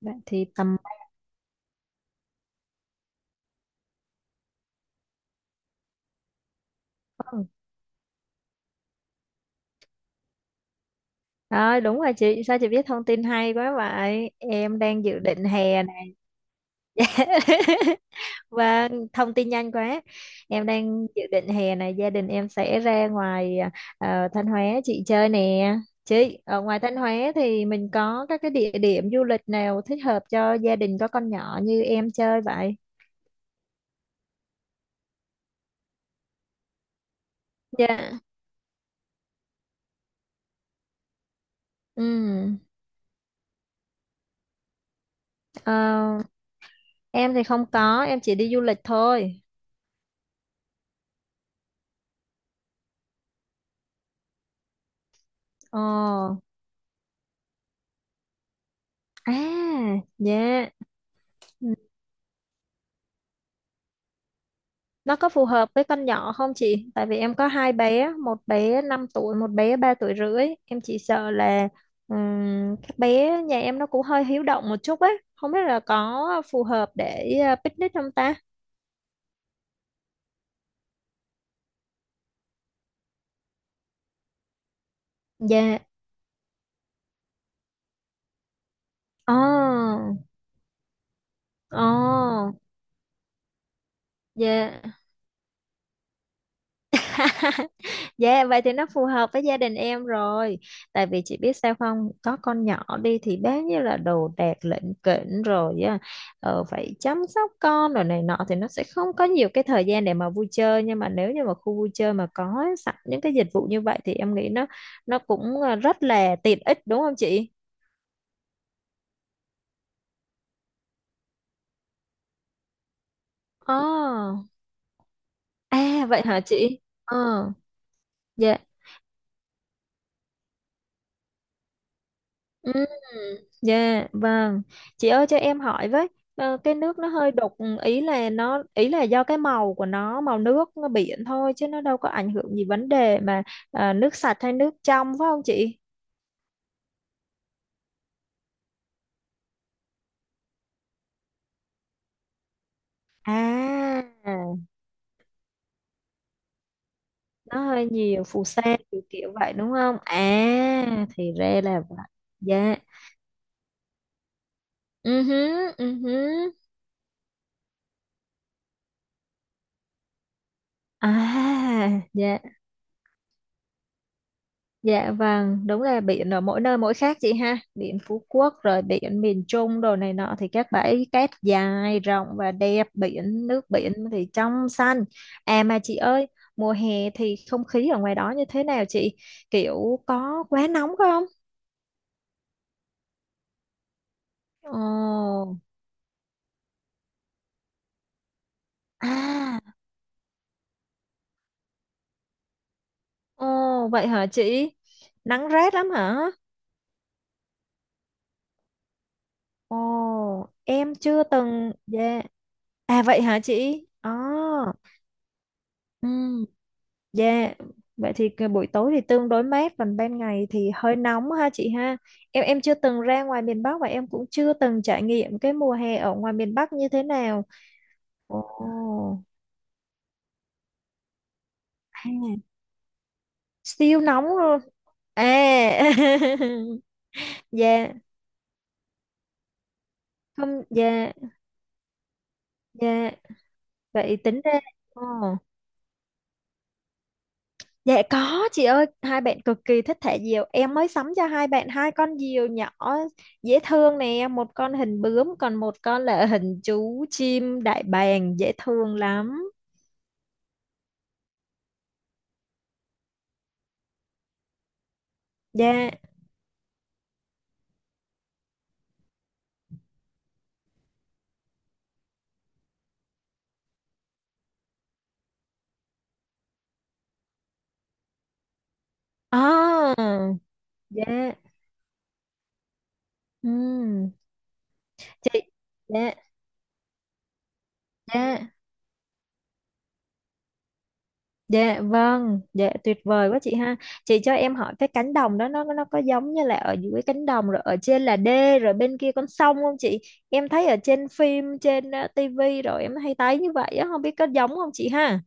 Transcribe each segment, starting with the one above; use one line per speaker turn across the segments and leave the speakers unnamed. Bạn thì tầm. Ừ. Rồi đúng rồi chị, sao chị biết thông tin hay quá vậy? Em đang dự định hè này. Và thông tin nhanh quá. Em đang dự định hè này gia đình em sẽ ra ngoài Thanh Hóa chị chơi nè. Chị, ở ngoài Thanh Hóa thì mình có các cái địa điểm du lịch nào thích hợp cho gia đình có con nhỏ như em chơi vậy? Dạ. Ừ. Ờ, em thì không có, em chỉ đi du lịch thôi. Ồ. À, dạ. Ừ. Nó có phù hợp với con nhỏ không chị? Tại vì em có hai bé, một bé 5 tuổi, một bé 3 tuổi rưỡi. Em chỉ sợ là các bé nhà em nó cũng hơi hiếu động một chút ấy. Không biết là có phù hợp để picnic không ta? Dạ. Ồ, ồ, dạ. Dạ vậy thì nó phù hợp với gia đình em rồi. Tại vì chị biết sao không? Có con nhỏ đi thì bao nhiêu là đồ đạc lỉnh kỉnh rồi á, phải chăm sóc con rồi này nọ, thì nó sẽ không có nhiều cái thời gian để mà vui chơi. Nhưng mà nếu như mà khu vui chơi mà có sẵn những cái dịch vụ như vậy, thì em nghĩ nó cũng rất là tiện ích đúng không chị? Ờ. À vậy hả chị? Ờ, dạ. Ừ, dạ vâng. Chị ơi cho em hỏi với, cái nước nó hơi đục, ý là do cái màu của nó, màu nước nó biển thôi chứ nó đâu có ảnh hưởng gì vấn đề mà nước sạch hay nước trong phải không chị? À, nó hơi nhiều phù sa kiểu kiểu vậy đúng không? À, thì ra là vậy. Dạ. Ừ hứ, ừ hứ. À, dạ. Dạ vâng, đúng là biển ở mỗi nơi mỗi khác chị ha. Biển Phú Quốc rồi biển miền Trung đồ này nọ thì các bãi cát dài, rộng và đẹp, biển nước biển thì trong xanh. À mà chị ơi, mùa hè thì không khí ở ngoài đó như thế nào chị? Kiểu có quá nóng không? Ồ, à, ồ vậy hả chị? Nắng rát lắm hả? Ồ, em chưa từng dạ. À vậy hả chị? Ồ. Ừ. Dạ, vậy thì cái buổi tối thì tương đối mát còn ban ngày thì hơi nóng ha chị ha. Em chưa từng ra ngoài miền Bắc và em cũng chưa từng trải nghiệm cái mùa hè ở ngoài miền Bắc như thế nào. Ồ, à, siêu nóng luôn. À. Dạ, không dạ, dạ. Vậy tính ra. Ồ. Dạ có chị ơi, hai bạn cực kỳ thích thả diều. Em mới sắm cho hai bạn hai con diều nhỏ dễ thương nè, một con hình bướm còn một con là hình chú chim đại bàng dễ thương lắm. Dạ. À, dạ. Ừ. Chị dạ. Dạ. Dạ vâng, dạ tuyệt vời quá chị ha. Chị cho em hỏi cái cánh đồng đó nó có giống như là ở dưới cánh đồng rồi ở trên là đê rồi bên kia con sông không chị? Em thấy ở trên phim trên tivi rồi em hay thấy như vậy á, không biết có giống không chị ha?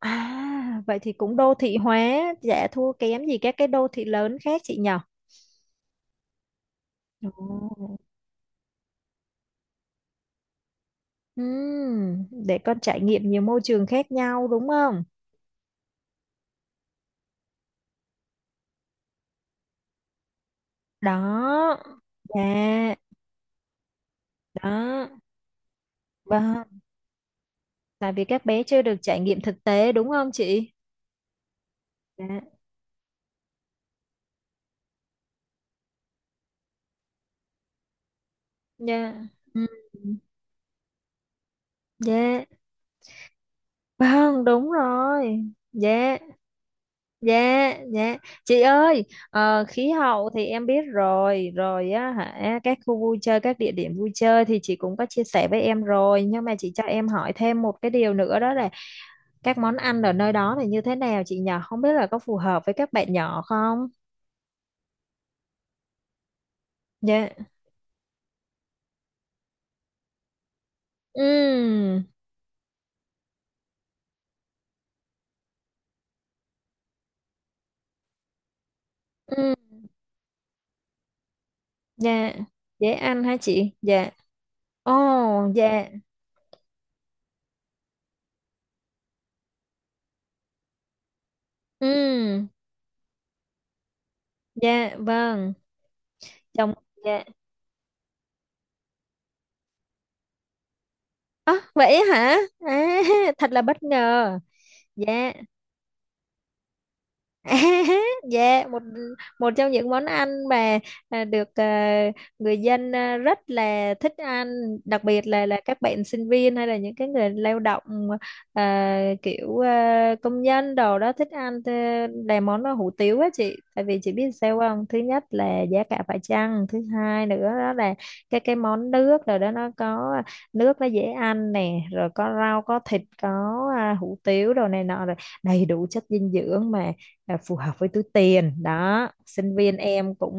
À, vậy thì cũng đô thị hóa, dạ thua kém gì các cái đô thị lớn khác chị nhở? Ồ. Để con trải nghiệm nhiều môi trường khác nhau đúng không? Đó, dạ, đó. Vâng, tại vì các bé chưa được trải nghiệm thực tế đúng không chị? Dạ. Dạ. Ừ. Dạ. Vâng, đúng rồi. Dạ, dạ, dạ. Chị ơi, khí hậu thì em biết rồi, á hả, các khu vui chơi, các địa điểm vui chơi thì chị cũng có chia sẻ với em rồi, nhưng mà chị cho em hỏi thêm một cái điều nữa đó là các món ăn ở nơi đó thì như thế nào chị nhỏ, không biết là có phù hợp với các bạn nhỏ không? Dạ. Ừ. Ừ. Dạ. Dễ ăn hả chị? Dạ. Ồ, dạ. Ừ, dạ, vâng. Chồng, dạ. À, vậy hả? À, thật là bất ngờ. Dạ, dạ, một một trong những món ăn mà được người dân rất là thích ăn, đặc biệt là các bạn sinh viên hay là những cái người lao động kiểu công nhân đồ đó thích ăn là món hủ tiếu á chị. Tại vì chị biết sao không? Thứ nhất là giá cả phải chăng, thứ hai nữa đó là cái món nước rồi đó nó có nước nó dễ ăn nè, rồi có rau, có thịt, có hủ tiếu đồ này nọ rồi đầy đủ chất dinh dưỡng mà phù hợp với túi tiền đó sinh viên em cũng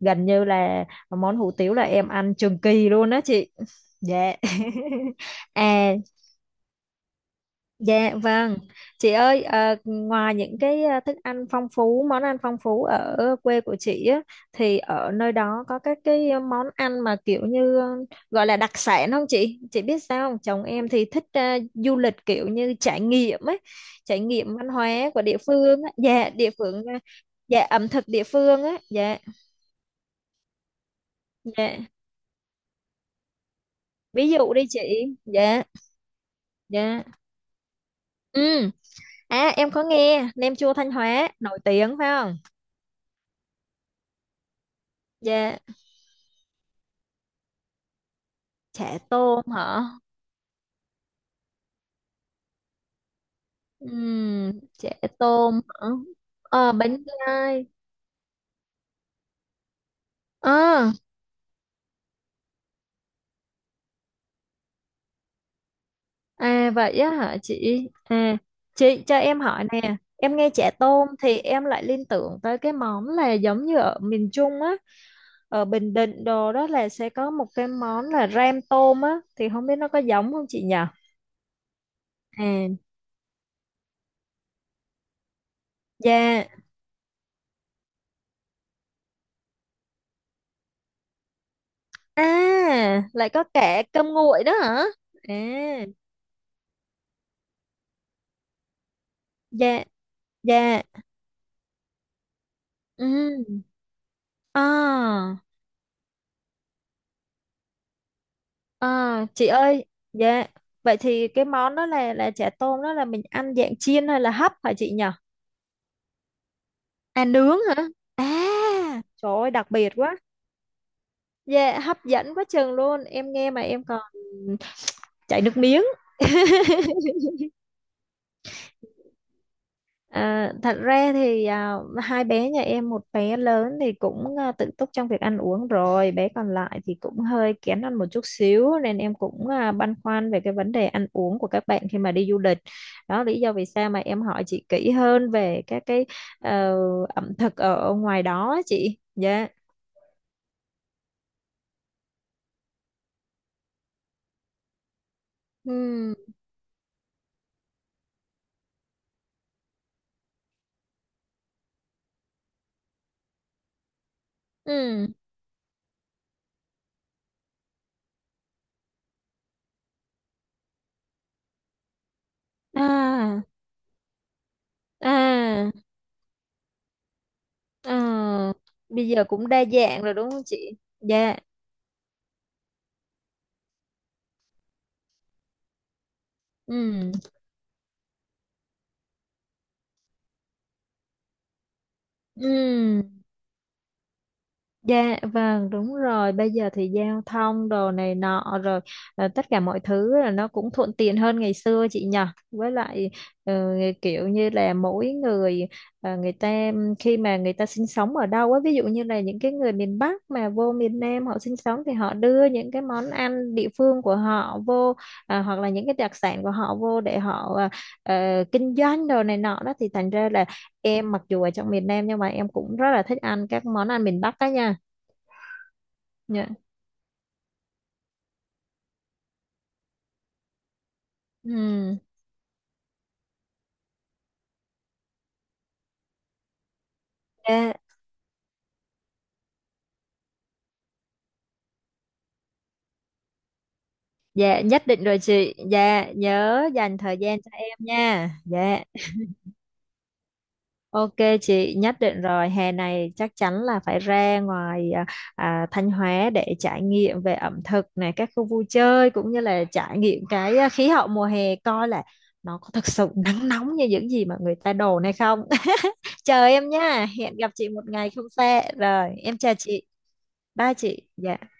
gần như là món hủ tiếu là em ăn trường kỳ luôn đó chị dạ. À. Dạ vâng, chị ơi ngoài những cái thức ăn phong phú, món ăn phong phú ở quê của chị á, thì ở nơi đó có các cái món ăn mà kiểu như gọi là đặc sản không chị? Chị biết sao không? Chồng em thì thích du lịch kiểu như trải nghiệm ấy, trải nghiệm văn hóa của địa phương á, dạ địa phương, dạ ẩm thực địa phương á, dạ dạ. Ví dụ đi chị, dạ dạ. Ừ, à em có nghe nem chua Thanh Hóa nổi tiếng phải không? Dạ chả tôm hả. Ừm, Chả tôm hả. Ờ bánh gai. Ờ. À vậy á hả chị à. Chị cho em hỏi nè em nghe chả tôm thì em lại liên tưởng tới cái món là giống như ở miền Trung á, ở Bình Định đồ đó là sẽ có một cái món là ram tôm á thì không biết nó có giống không chị nhỉ? À, dạ. À lại có cả cơm nguội đó hả? À, dạ, dạ. Ừ. À. À, chị ơi, dạ. Vậy thì cái món đó là chả tôm đó là mình ăn dạng chiên hay là hấp hả chị nhỉ? À nướng hả? À, trời ơi đặc biệt quá. Dạ hấp dẫn quá chừng luôn. Em nghe mà em còn chảy nước miếng. Thật ra thì hai bé nhà em một bé lớn thì cũng tự túc trong việc ăn uống rồi bé còn lại thì cũng hơi kén ăn một chút xíu nên em cũng băn khoăn về cái vấn đề ăn uống của các bạn khi mà đi du lịch. Đó lý do vì sao mà em hỏi chị kỹ hơn về các cái ờ, ẩm thực ở ngoài đó á chị dạ. Ừ. Ừ. À. À. À bây giờ cũng đa dạng rồi đúng không chị? Dạ. Ừ. Ừ. Dạ vâng đúng rồi bây giờ thì giao thông đồ này nọ rồi tất cả mọi thứ là nó cũng thuận tiện hơn ngày xưa chị nhờ, với lại ờ, kiểu như là mỗi người người ta khi mà người ta sinh sống ở đâu á, ví dụ như là những cái người miền Bắc mà vô miền Nam họ sinh sống thì họ đưa những cái món ăn địa phương của họ vô, hoặc là những cái đặc sản của họ vô để họ kinh doanh đồ này nọ đó thì thành ra là em mặc dù ở trong miền Nam nhưng mà em cũng rất là thích ăn các món ăn miền Bắc đó nha. Dạ. Ừm, Dạ, dạ, nhất định rồi chị. Dạ, nhớ dành thời gian cho em nha. Dạ. Ok chị, nhất định rồi. Hè này chắc chắn là phải ra ngoài Thanh Hóa để trải nghiệm về ẩm thực này, các khu vui chơi cũng như là trải nghiệm cái khí hậu mùa hè coi là nó có thực sự nắng nóng như những gì mà người ta đồn hay không. Chờ em nha. Hẹn gặp chị một ngày không xa. Rồi, em chào chị. Bye chị. Dạ.